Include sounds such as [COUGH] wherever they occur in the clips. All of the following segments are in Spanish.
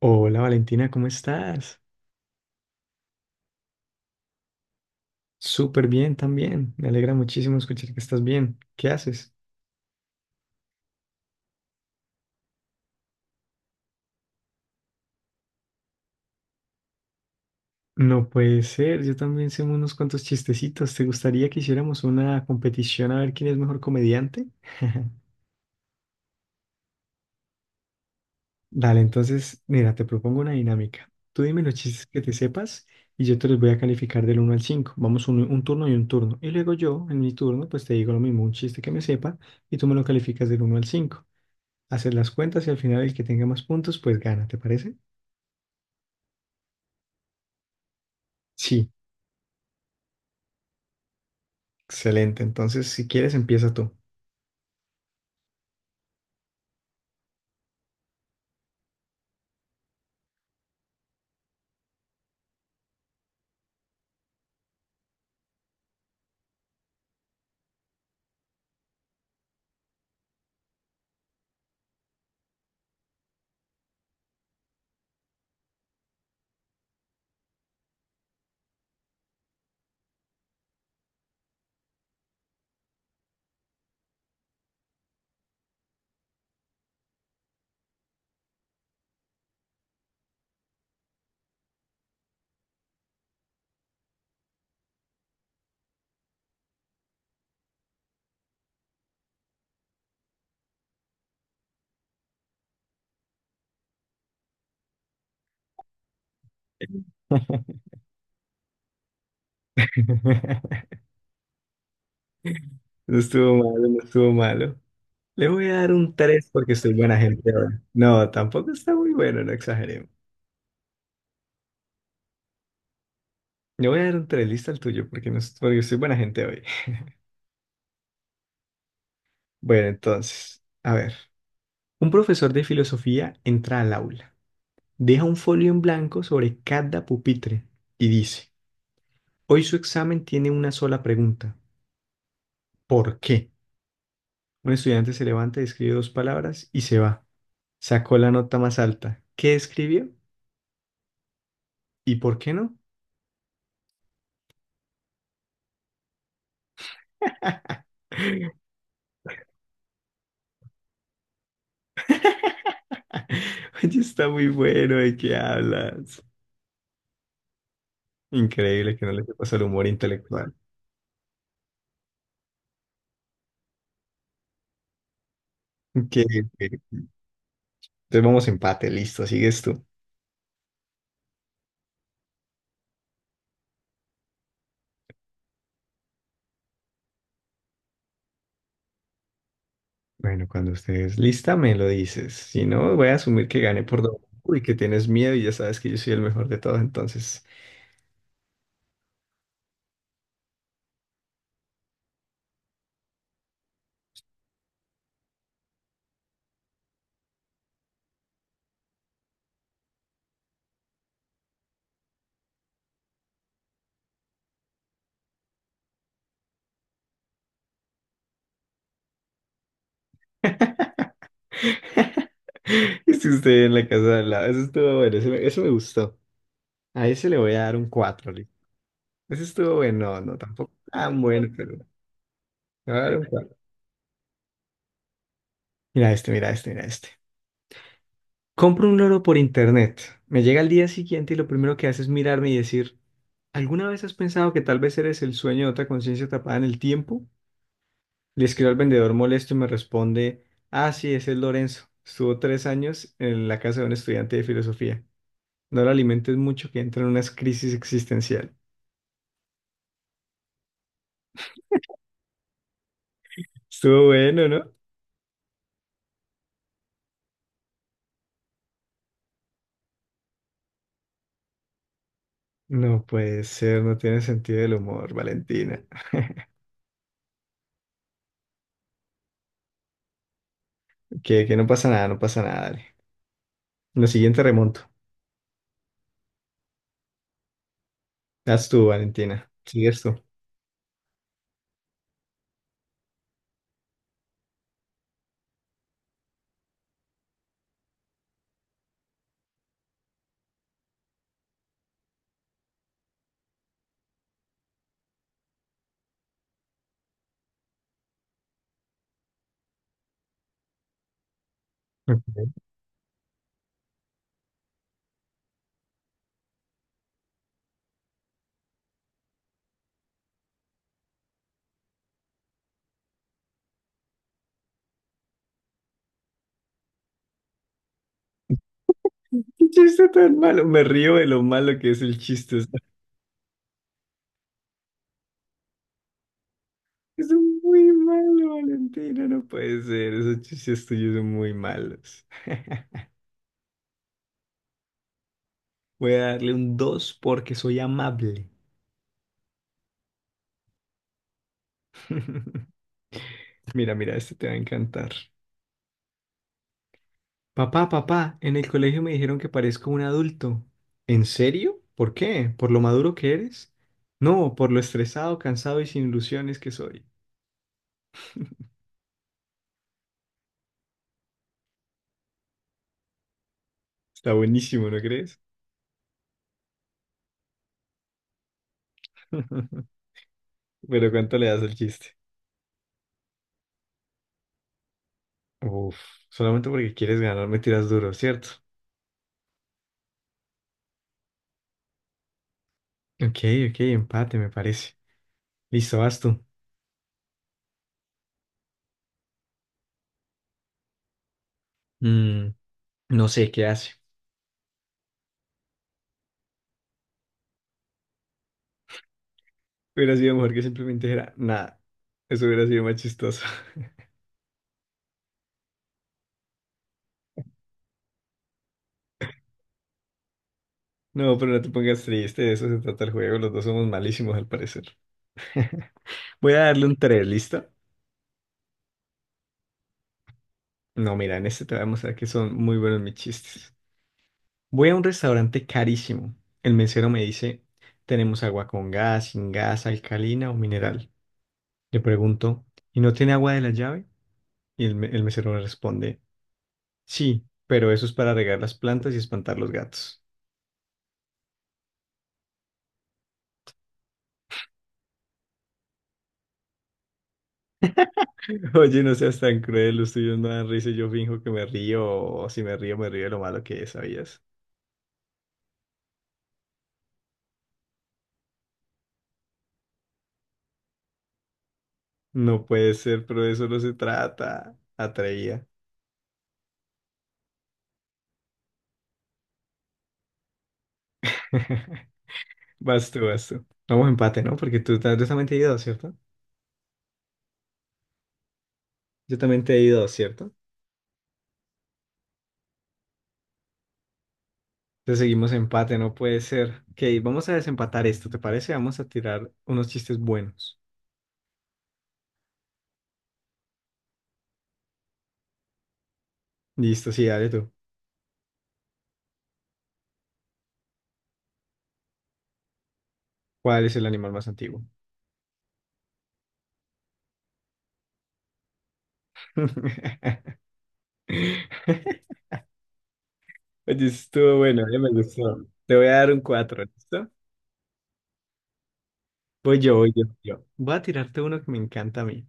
Hola Valentina, ¿cómo estás? Súper bien también. Me alegra muchísimo escuchar que estás bien. ¿Qué haces? No puede ser, yo también sé unos cuantos chistecitos. ¿Te gustaría que hiciéramos una competición a ver quién es mejor comediante? [LAUGHS] Dale, entonces, mira, te propongo una dinámica. Tú dime los chistes que te sepas y yo te los voy a calificar del uno al 5. Vamos un turno y un turno. Y luego yo, en mi turno, pues te digo lo mismo, un chiste que me sepa y tú me lo calificas del uno al 5. Haces las cuentas y al final el que tenga más puntos, pues gana, ¿te parece? Sí, excelente. Entonces, si quieres, empieza tú. [LAUGHS] No estuvo malo, no estuvo malo. Le voy a dar un 3 porque soy buena gente ahora. No, tampoco está muy bueno, no exageremos. Le voy a dar un 3 lista al tuyo, porque, no, porque soy buena gente hoy. [LAUGHS] Bueno, entonces, a ver. Un profesor de filosofía entra al aula, deja un folio en blanco sobre cada pupitre y dice, hoy su examen tiene una sola pregunta. ¿Por qué? Un estudiante se levanta, escribe dos palabras y se va. Sacó la nota más alta. ¿Qué escribió? ¿Y por qué no? [LAUGHS] Oye, está muy bueno, ¿de qué hablas? Increíble que no le pasa el humor intelectual. Que, que- entonces vamos empate, listo, sigues tú. Bueno, cuando estés lista me lo dices. Si no, voy a asumir que gané por dos y que tienes miedo y ya sabes que yo soy el mejor de todos, entonces. [LAUGHS] Esté usted en la casa de al lado. Eso estuvo bueno, ese me gustó. A ese le voy a dar un cuatro. Ese estuvo bueno, no, no, tampoco tan bueno, pero le voy a dar un cuatro. Mira este, mira este, mira este. Compro un loro por internet. Me llega al día siguiente y lo primero que hace es mirarme y decir, ¿alguna vez has pensado que tal vez eres el sueño de otra conciencia tapada en el tiempo? Le escribo al vendedor molesto y me responde, ah, sí, ese es Lorenzo. Estuvo 3 años en la casa de un estudiante de filosofía. No lo alimentes mucho que entra en unas crisis existencial. Estuvo bueno, ¿no? No puede ser, no tiene sentido del humor, Valentina. Que no pasa nada, no pasa nada, dale. Lo siguiente remonto. Haz tú, Valentina. Sigues tú. ¿Qué chiste tan malo? Me río de lo malo que es el chiste. O sea, es muy malo, Valentina. No puede ser. Esos chistes tuyos son muy malos. [LAUGHS] Voy a darle un 2 porque soy amable. [LAUGHS] Mira, mira, este te va a encantar. Papá, papá, en el colegio me dijeron que parezco un adulto. ¿En serio? ¿Por qué? ¿Por lo maduro que eres? No, por lo estresado, cansado y sin ilusiones que soy. Está buenísimo, ¿no crees? [LAUGHS] Pero ¿cuánto le das al chiste? Uf, solamente porque quieres ganar me tiras duro, ¿cierto? Ok, ok, empate me parece. Listo, vas tú. Mm, no sé qué hace. Hubiera sido mejor que simplemente dijera, nada. Eso hubiera sido más chistoso. [LAUGHS] No, pero no te pongas triste, de eso se trata el juego. Los dos somos malísimos al parecer. [LAUGHS] Voy a darle un tres, ¿listo? No, mira, en este te voy a mostrar que son muy buenos mis chistes. Voy a un restaurante carísimo. El mesero me dice, tenemos agua con gas, sin gas, alcalina o mineral. Le pregunto, ¿y no tiene agua de la llave? Y el mesero me responde, sí, pero eso es para regar las plantas y espantar los gatos. [LAUGHS] Oye, no seas tan cruel, los tuyos me dan risa y yo finjo que me río, o si me río, me río de lo malo que es, ¿sabías? No puede ser, pero de eso no se trata, atraía. [LAUGHS] Vas tú, vas tú. Vamos empate, ¿no? Porque tú también te he ido, ¿cierto? Yo también te he ido, ¿cierto? Entonces seguimos empate, no puede ser. Ok, vamos a desempatar esto, ¿te parece? Vamos a tirar unos chistes buenos. Listo, sí, dale tú. ¿Cuál es el animal más antiguo? [LAUGHS] Oye, estuvo bueno, ya me gustó. Te voy a dar un 4, ¿listo? Voy yo, yo. Voy a tirarte uno que me encanta a mí.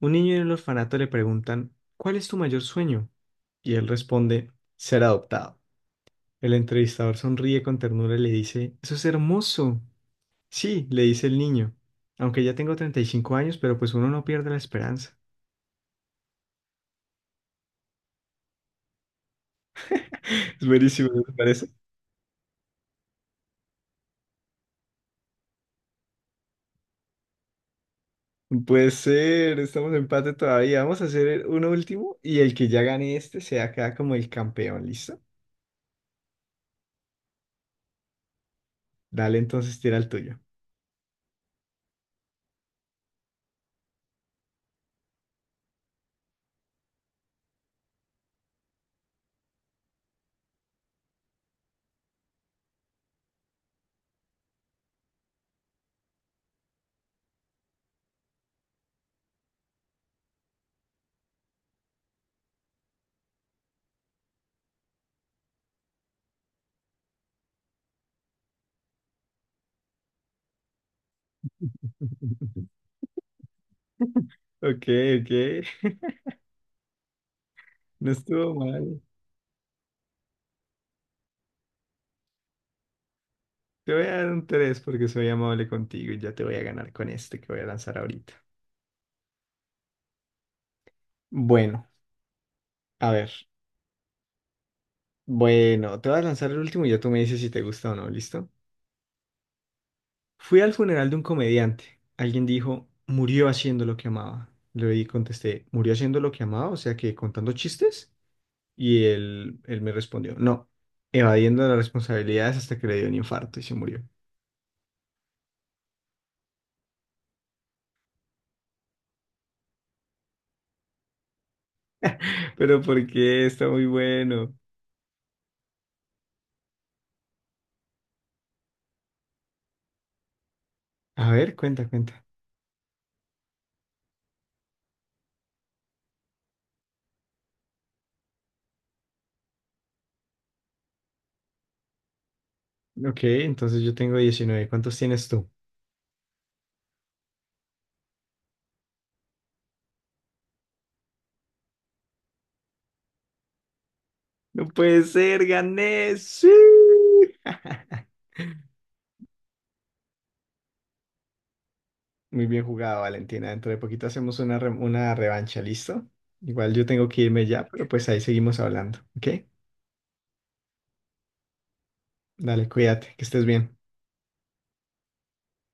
Un niño en el orfanato le preguntan, ¿cuál es tu mayor sueño? Y él responde, ser adoptado. El entrevistador sonríe con ternura y le dice, eso es hermoso. Sí, le dice el niño, aunque ya tengo 35 años, pero pues uno no pierde la esperanza. [LAUGHS] Es buenísimo, ¿no te parece? Puede ser, estamos en empate todavía. Vamos a hacer uno último y el que ya gane este se acá como el campeón, ¿listo? Dale, entonces tira el tuyo. [LAUGHS] Ok, ok. No estuvo mal. Te voy a dar un tres porque soy amable contigo y ya te voy a ganar con este que voy a lanzar ahorita. Bueno, a ver. Bueno, te voy a lanzar el último y ya tú me dices si te gusta o no, ¿listo? Fui al funeral de un comediante. Alguien dijo, murió haciendo lo que amaba. Contesté, ¿murió haciendo lo que amaba? O sea que contando chistes. Y él me respondió, no, evadiendo las responsabilidades hasta que le dio un infarto y se murió. [LAUGHS] Pero ¿por qué? Está muy bueno. A ver, cuenta, cuenta. Ok, entonces yo tengo 19. ¿Cuántos tienes tú? No puede ser, gané. Sí. [LAUGHS] Muy bien jugado, Valentina. Dentro de poquito hacemos una revancha, ¿listo? Igual yo tengo que irme ya, pero pues ahí seguimos hablando, ¿ok? Dale, cuídate, que estés bien.